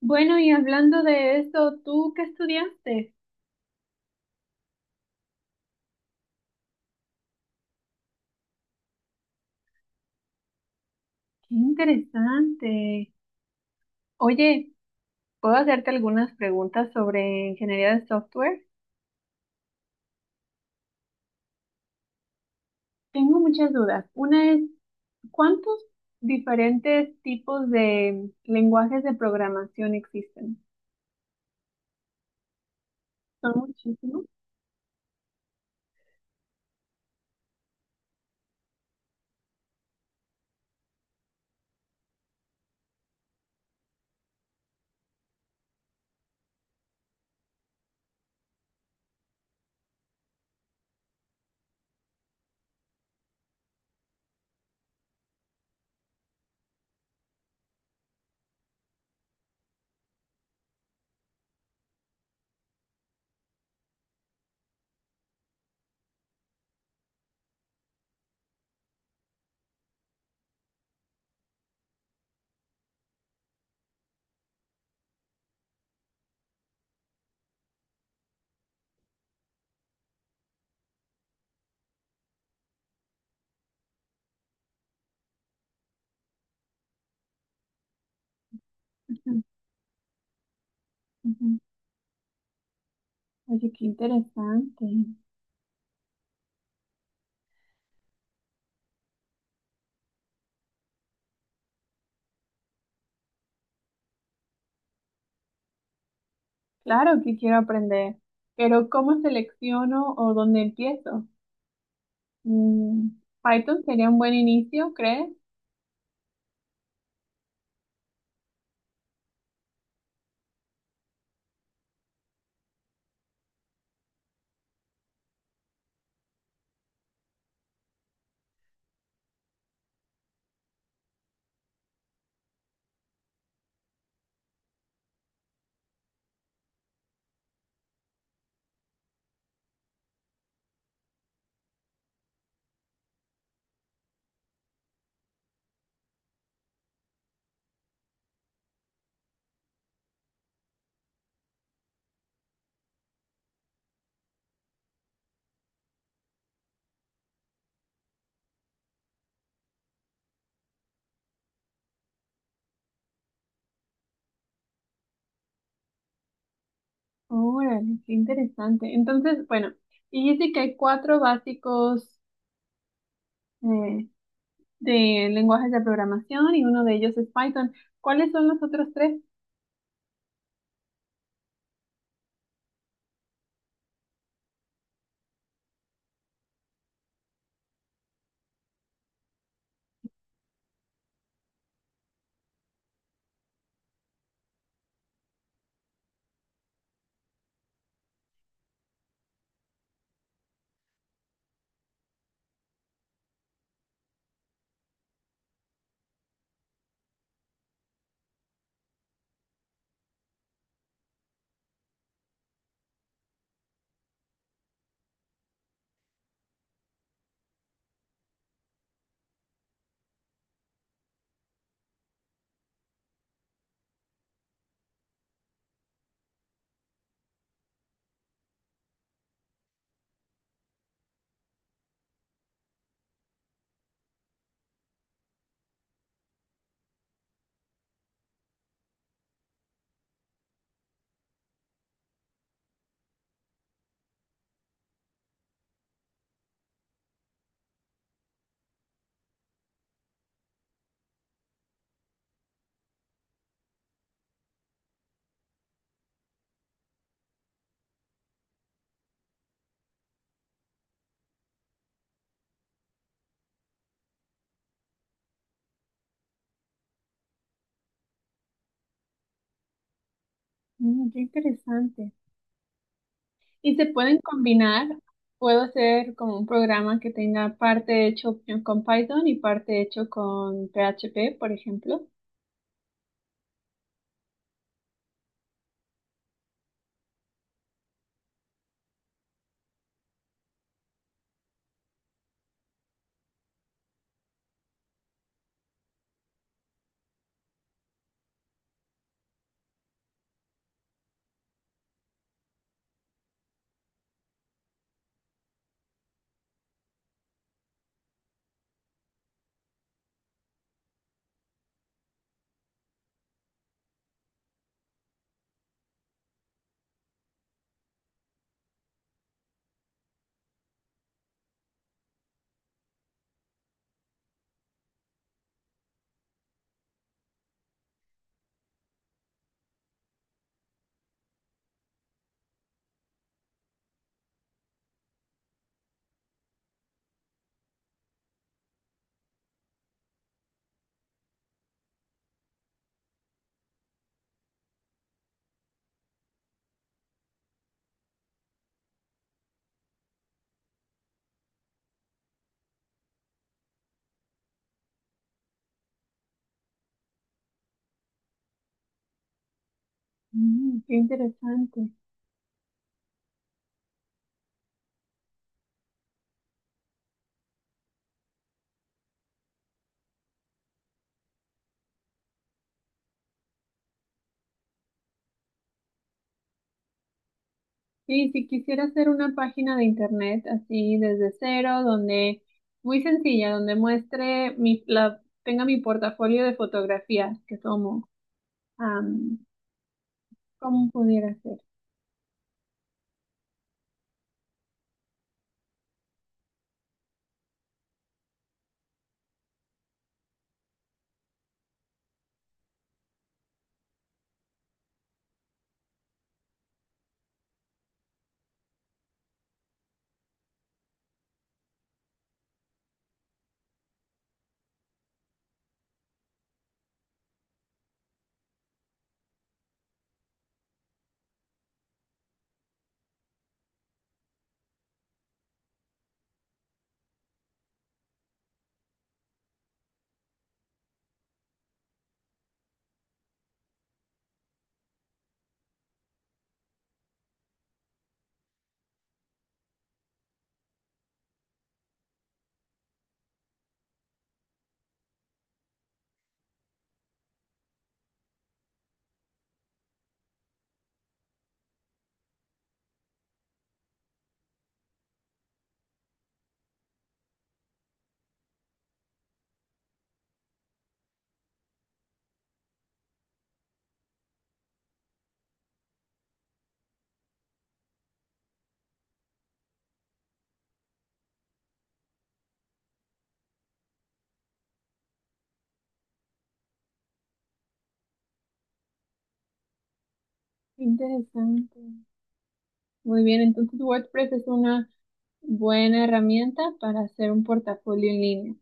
Bueno, y hablando de esto, ¿tú qué estudiaste? Qué interesante. Oye, ¿puedo hacerte algunas preguntas sobre ingeniería de software? Tengo muchas dudas. Una es, ¿cuántos diferentes tipos de lenguajes de programación existen? Son muchísimos. Ujú, ujú. Oye, qué interesante. Claro que quiero aprender, pero ¿cómo selecciono o dónde empiezo? Mm, Python sería un buen inicio, ¿crees? Órale, qué interesante. Entonces, bueno, dijiste que hay cuatro básicos eh, de lenguajes de programación y uno de ellos es Python. ¿Cuáles son los otros tres? Mm, qué interesante. ¿Y se pueden combinar? ¿Puedo hacer como un programa que tenga parte hecho con Python y parte hecho con PHP, por ejemplo? Mm, qué interesante. Sí, si quisiera hacer una página de internet así desde cero, donde muy sencilla, donde muestre mi, la, tenga mi portafolio de fotografías que tomo. Am, ¿cómo pudiera ser? Interesante. Muy bien, entonces WordPress es una buena herramienta para hacer un portafolio en línea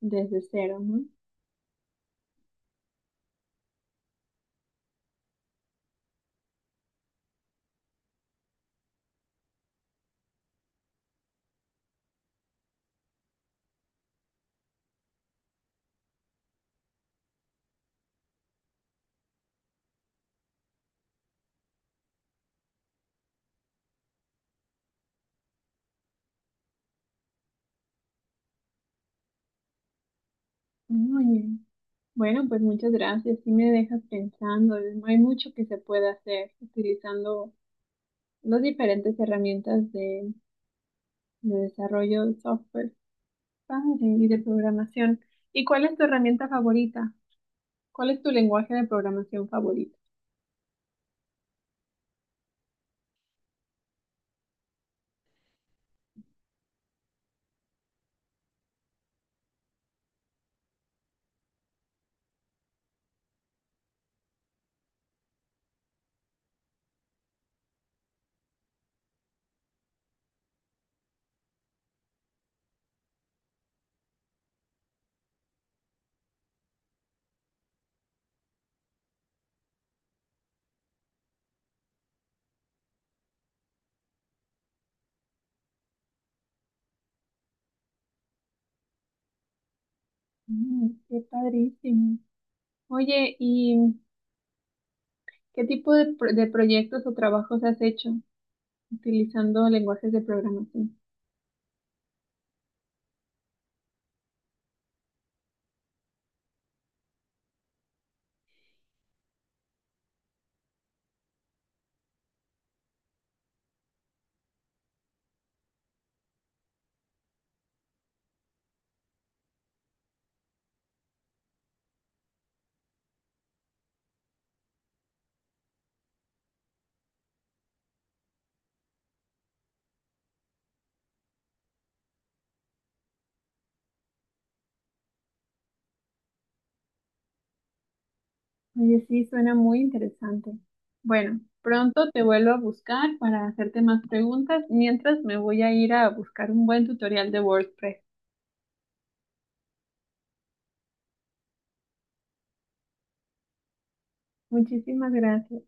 desde cero, ¿no? Muy bien. Bueno, pues muchas gracias. Sí me dejas pensando. No hay mucho que se puede hacer utilizando las diferentes herramientas de desarrollo de software padre, y de programación. ¿Y cuál es tu herramienta favorita? ¿Cuál es tu lenguaje de programación favorito? Mm, qué padrísimo. Oye, ¿y qué tipo de, de proyectos o trabajos has hecho utilizando lenguajes de programación? Oye, sí, suena muy interesante. Bueno, pronto te vuelvo a buscar para hacerte más preguntas, mientras me voy a ir a buscar un buen tutorial de WordPress. Muchísimas gracias.